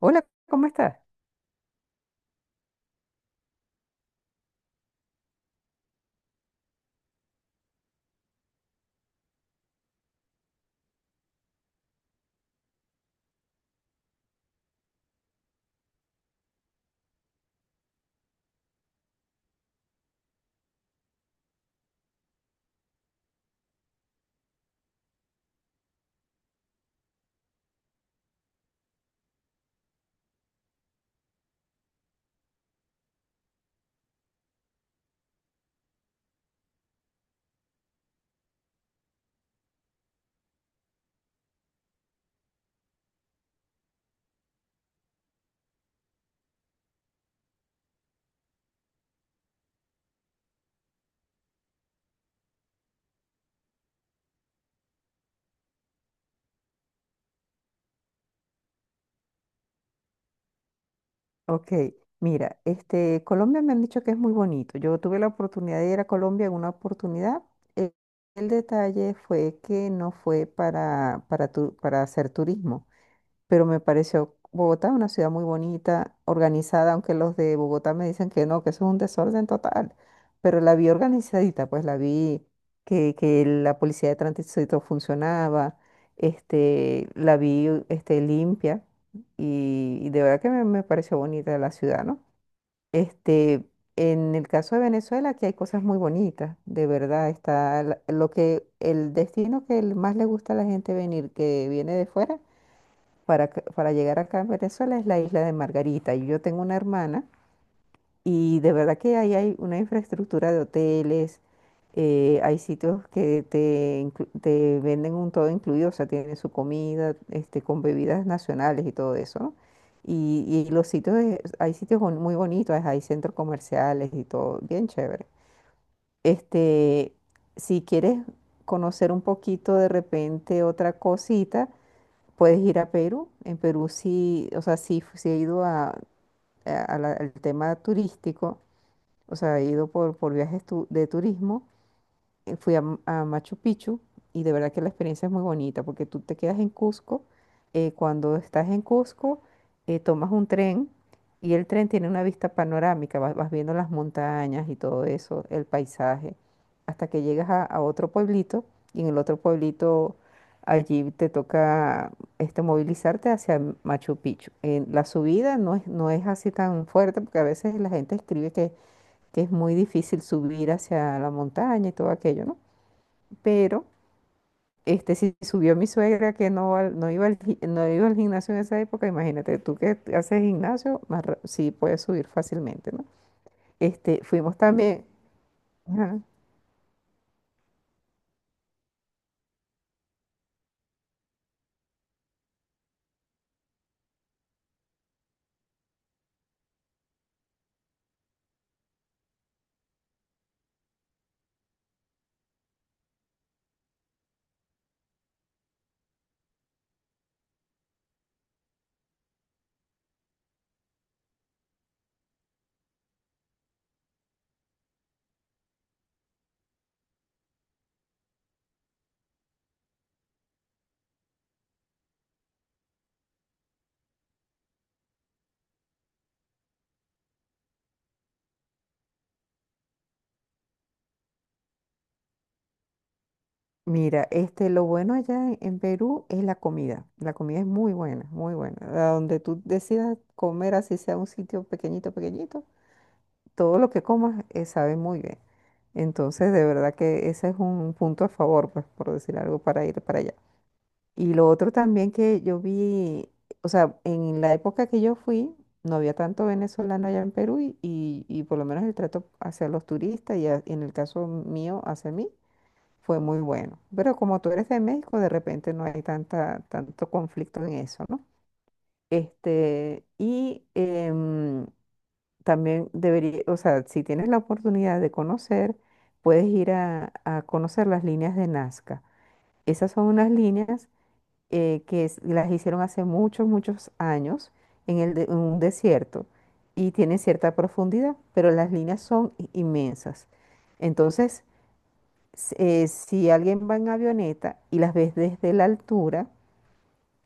Hola, ¿cómo estás? Ok, mira, este, Colombia me han dicho que es muy bonito. Yo tuve la oportunidad de ir a Colombia en una oportunidad. El, el detalle fue que no fue para hacer turismo. Pero me pareció Bogotá una ciudad muy bonita, organizada, aunque los de Bogotá me dicen que no, que eso es un desorden total, pero la vi organizadita, pues la vi que la policía de tránsito funcionaba, este, la vi este, limpia y de verdad que me pareció bonita la ciudad, ¿no? Este, en el caso de Venezuela, aquí hay cosas muy bonitas, de verdad, está lo que el destino que más le gusta a la gente venir, que viene de fuera para, para llegar acá en Venezuela es la isla de Margarita. Y yo tengo una hermana y de verdad que ahí hay una infraestructura de hoteles, hay sitios que te, te venden un todo incluido, o sea, tienen su comida, este, con bebidas nacionales y todo eso, ¿no? Y los sitios, hay sitios muy bonitos, hay centros comerciales y todo, bien chévere. Este, si quieres conocer un poquito de repente otra cosita, puedes ir a Perú. En Perú sí, o sea, sí, sí he ido a, al tema turístico, o sea, he ido por, de turismo, fui a Machu Picchu y de verdad que la experiencia es muy bonita porque tú te quedas en Cusco. Cuando estás en Cusco, tomas un tren y el tren tiene una vista panorámica, vas, vas viendo las montañas y todo eso, el paisaje, hasta que llegas a otro pueblito y en el otro pueblito allí te toca este, movilizarte hacia Machu Picchu. La subida no es, no es así tan fuerte porque a veces la gente escribe que es muy difícil subir hacia la montaña y todo aquello, ¿no? Pero este, si subió mi suegra que no, no, no iba al gimnasio en esa época, imagínate, tú que haces gimnasio, más, sí puedes subir fácilmente, ¿no? Este, fuimos también. Ajá. Mira, este, lo bueno allá en Perú es la comida. La comida es muy buena, muy buena. A donde tú decidas comer, así sea un sitio pequeñito, pequeñito, todo lo que comas sabe muy bien. Entonces, de verdad que ese es un punto a favor, pues, por decir algo, para ir para allá. Y lo otro también que yo vi, o sea, en la época que yo fui, no había tanto venezolano allá en Perú y, y por lo menos el trato hacia los turistas y en el caso mío hacia mí fue muy bueno. Pero como tú eres de México, de repente no hay tanta, tanto conflicto en eso, ¿no? Este, y también debería, o sea, si tienes la oportunidad de conocer, puedes ir a conocer las líneas de Nazca. Esas son unas líneas las hicieron hace muchos, muchos años en, en un desierto y tienen cierta profundidad, pero las líneas son inmensas. Entonces, si alguien va en avioneta y las ves desde la altura,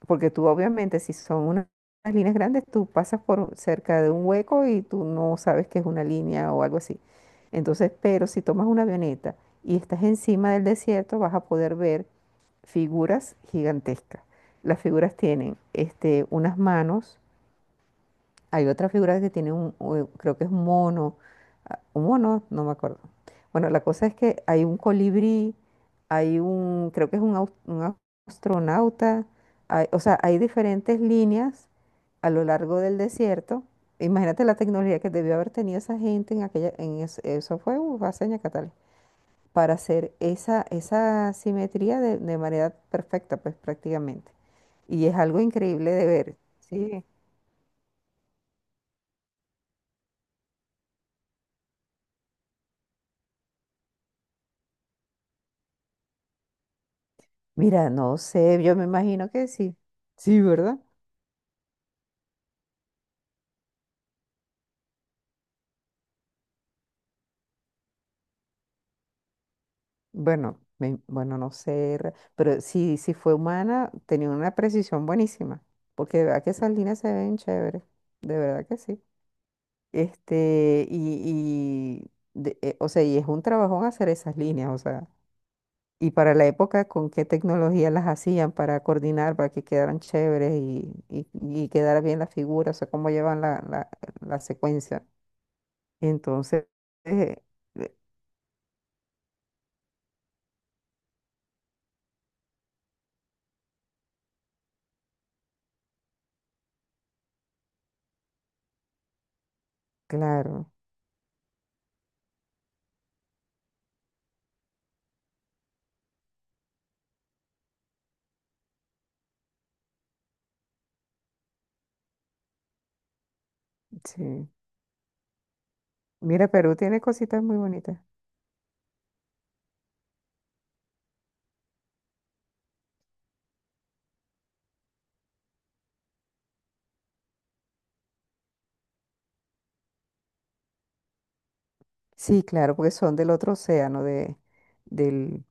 porque tú obviamente si son unas líneas grandes, tú pasas por cerca de un hueco y tú no sabes que es una línea o algo así. Entonces, pero si tomas una avioneta y estás encima del desierto, vas a poder ver figuras gigantescas. Las figuras tienen este, unas manos, hay otra figura que tiene un, creo que es un mono, ah, un mono, no me acuerdo. Bueno, la cosa es que hay un colibrí, hay un, creo que es un, astronauta, o sea, hay diferentes líneas a lo largo del desierto. Imagínate la tecnología que debió haber tenido esa gente en aquella, en eso fue, hace años catales, para hacer esa, esa simetría de manera perfecta, pues prácticamente. Y es algo increíble de ver, ¿sí? Mira, no sé, yo me imagino que sí. Sí, ¿verdad? Bueno, bueno, no sé, pero sí, si fue humana, tenía una precisión buenísima, porque de verdad que esas líneas se ven chéveres, de verdad que sí. Este, y o sea, y es un trabajón hacer esas líneas, o sea, y para la época, con qué tecnología las hacían para coordinar, para que quedaran chéveres y quedara bien la figura, o sea, cómo llevan la, la, la secuencia. Entonces, eh, eh, claro, sí. Mira, Perú tiene cositas muy bonitas. Sí, claro, porque son del otro océano, de, del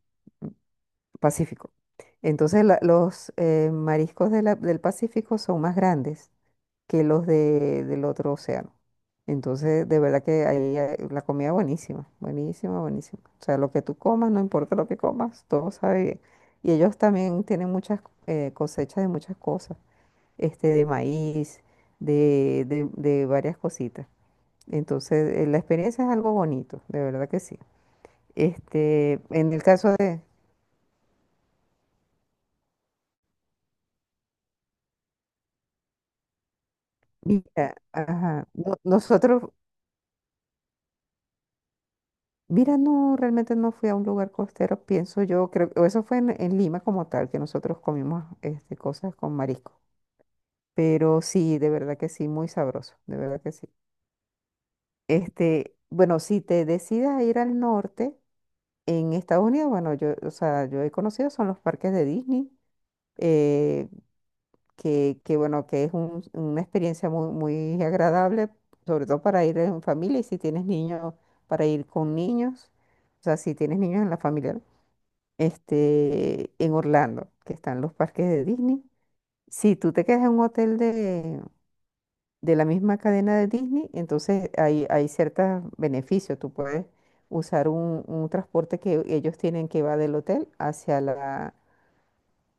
Pacífico. Entonces, los mariscos de del Pacífico son más grandes que los de, del otro océano. Entonces, de verdad que ahí la comida buenísima, buenísima, buenísima. O sea, lo que tú comas, no importa lo que comas, todo sabe bien. Y ellos también tienen muchas cosechas de muchas cosas. Este, de maíz, de, de varias cositas. Entonces, la experiencia es algo bonito, de verdad que sí. Este, en el caso de, mira, ajá, nosotros, mira, no, realmente no fui a un lugar costero, pienso yo, creo que eso fue en Lima como tal, que nosotros comimos este, cosas con marisco. Pero sí, de verdad que sí, muy sabroso, de verdad que sí. Este, bueno, si te decidas a ir al norte, en Estados Unidos, bueno, yo, o sea, yo he conocido son los parques de Disney, eh, que, bueno, que es una experiencia muy, muy agradable, sobre todo para ir en familia y si tienes niños, para ir con niños, o sea, si tienes niños en la familia, ¿no? Este, en Orlando, que están los parques de Disney. Si tú te quedas en un hotel de la misma cadena de Disney, entonces hay ciertos beneficios. Tú puedes usar un transporte que ellos tienen que va del hotel hacia la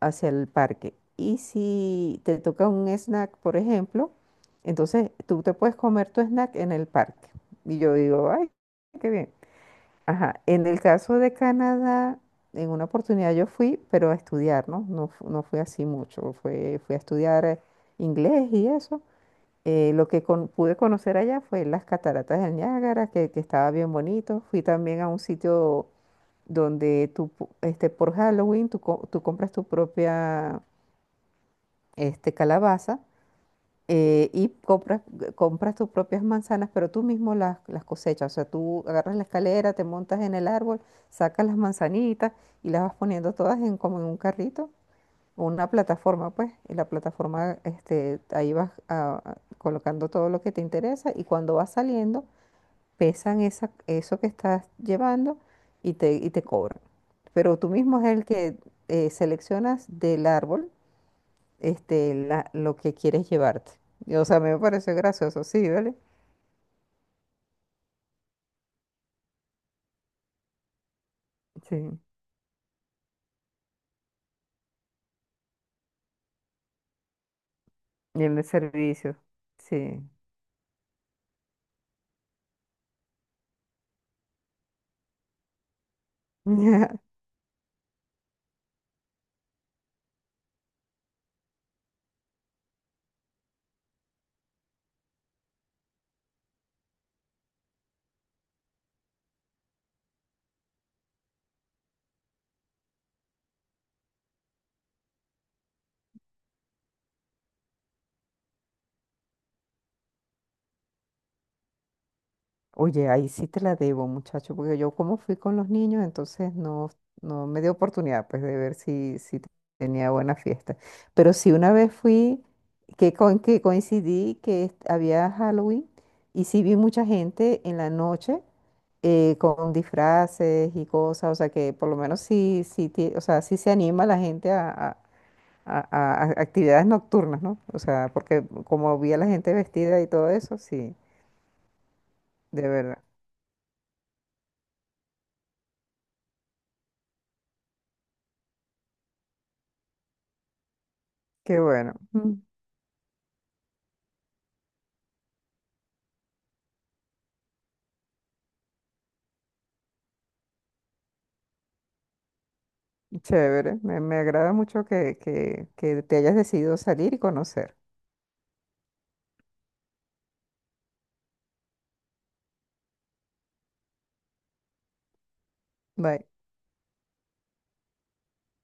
hacia el parque. Y si te toca un snack, por ejemplo, entonces tú te puedes comer tu snack en el parque. Y yo digo, ay, qué bien. Ajá, en el caso de Canadá, en una oportunidad yo fui, pero a estudiar, ¿no? No, no fui así mucho, fue, fui a estudiar inglés y eso. Pude conocer allá fue las cataratas del Niágara, que estaba bien bonito. Fui también a un sitio donde tú, este, por Halloween, tú, tú compras tu propia este, calabaza y compras, compras tus propias manzanas, pero tú mismo las cosechas. O sea, tú agarras la escalera, te montas en el árbol, sacas las manzanitas y las vas poniendo todas en, como en un carrito o una plataforma, pues. Y la plataforma, este, ahí vas colocando todo lo que te interesa y cuando vas saliendo, pesan esa, eso que estás llevando y te cobran. Pero tú mismo es el que seleccionas del árbol este, lo que quieres llevarte. Y, o sea, me parece gracioso, sí, ¿vale? Sí, y en el servicio, sí. Oye, ahí sí te la debo, muchacho, porque yo como fui con los niños, entonces no, no me dio oportunidad pues de ver si, si tenía buena fiesta. Pero sí una vez fui, que, con, que coincidí que había Halloween y sí vi mucha gente en la noche con disfraces y cosas, o sea que por lo menos sí, sí, o sea, sí se anima la gente a, a actividades nocturnas, ¿no? O sea, porque como vi a la gente vestida y todo eso, sí, de verdad. Qué bueno. Chévere, me agrada mucho que te hayas decidido salir y conocer. Bye.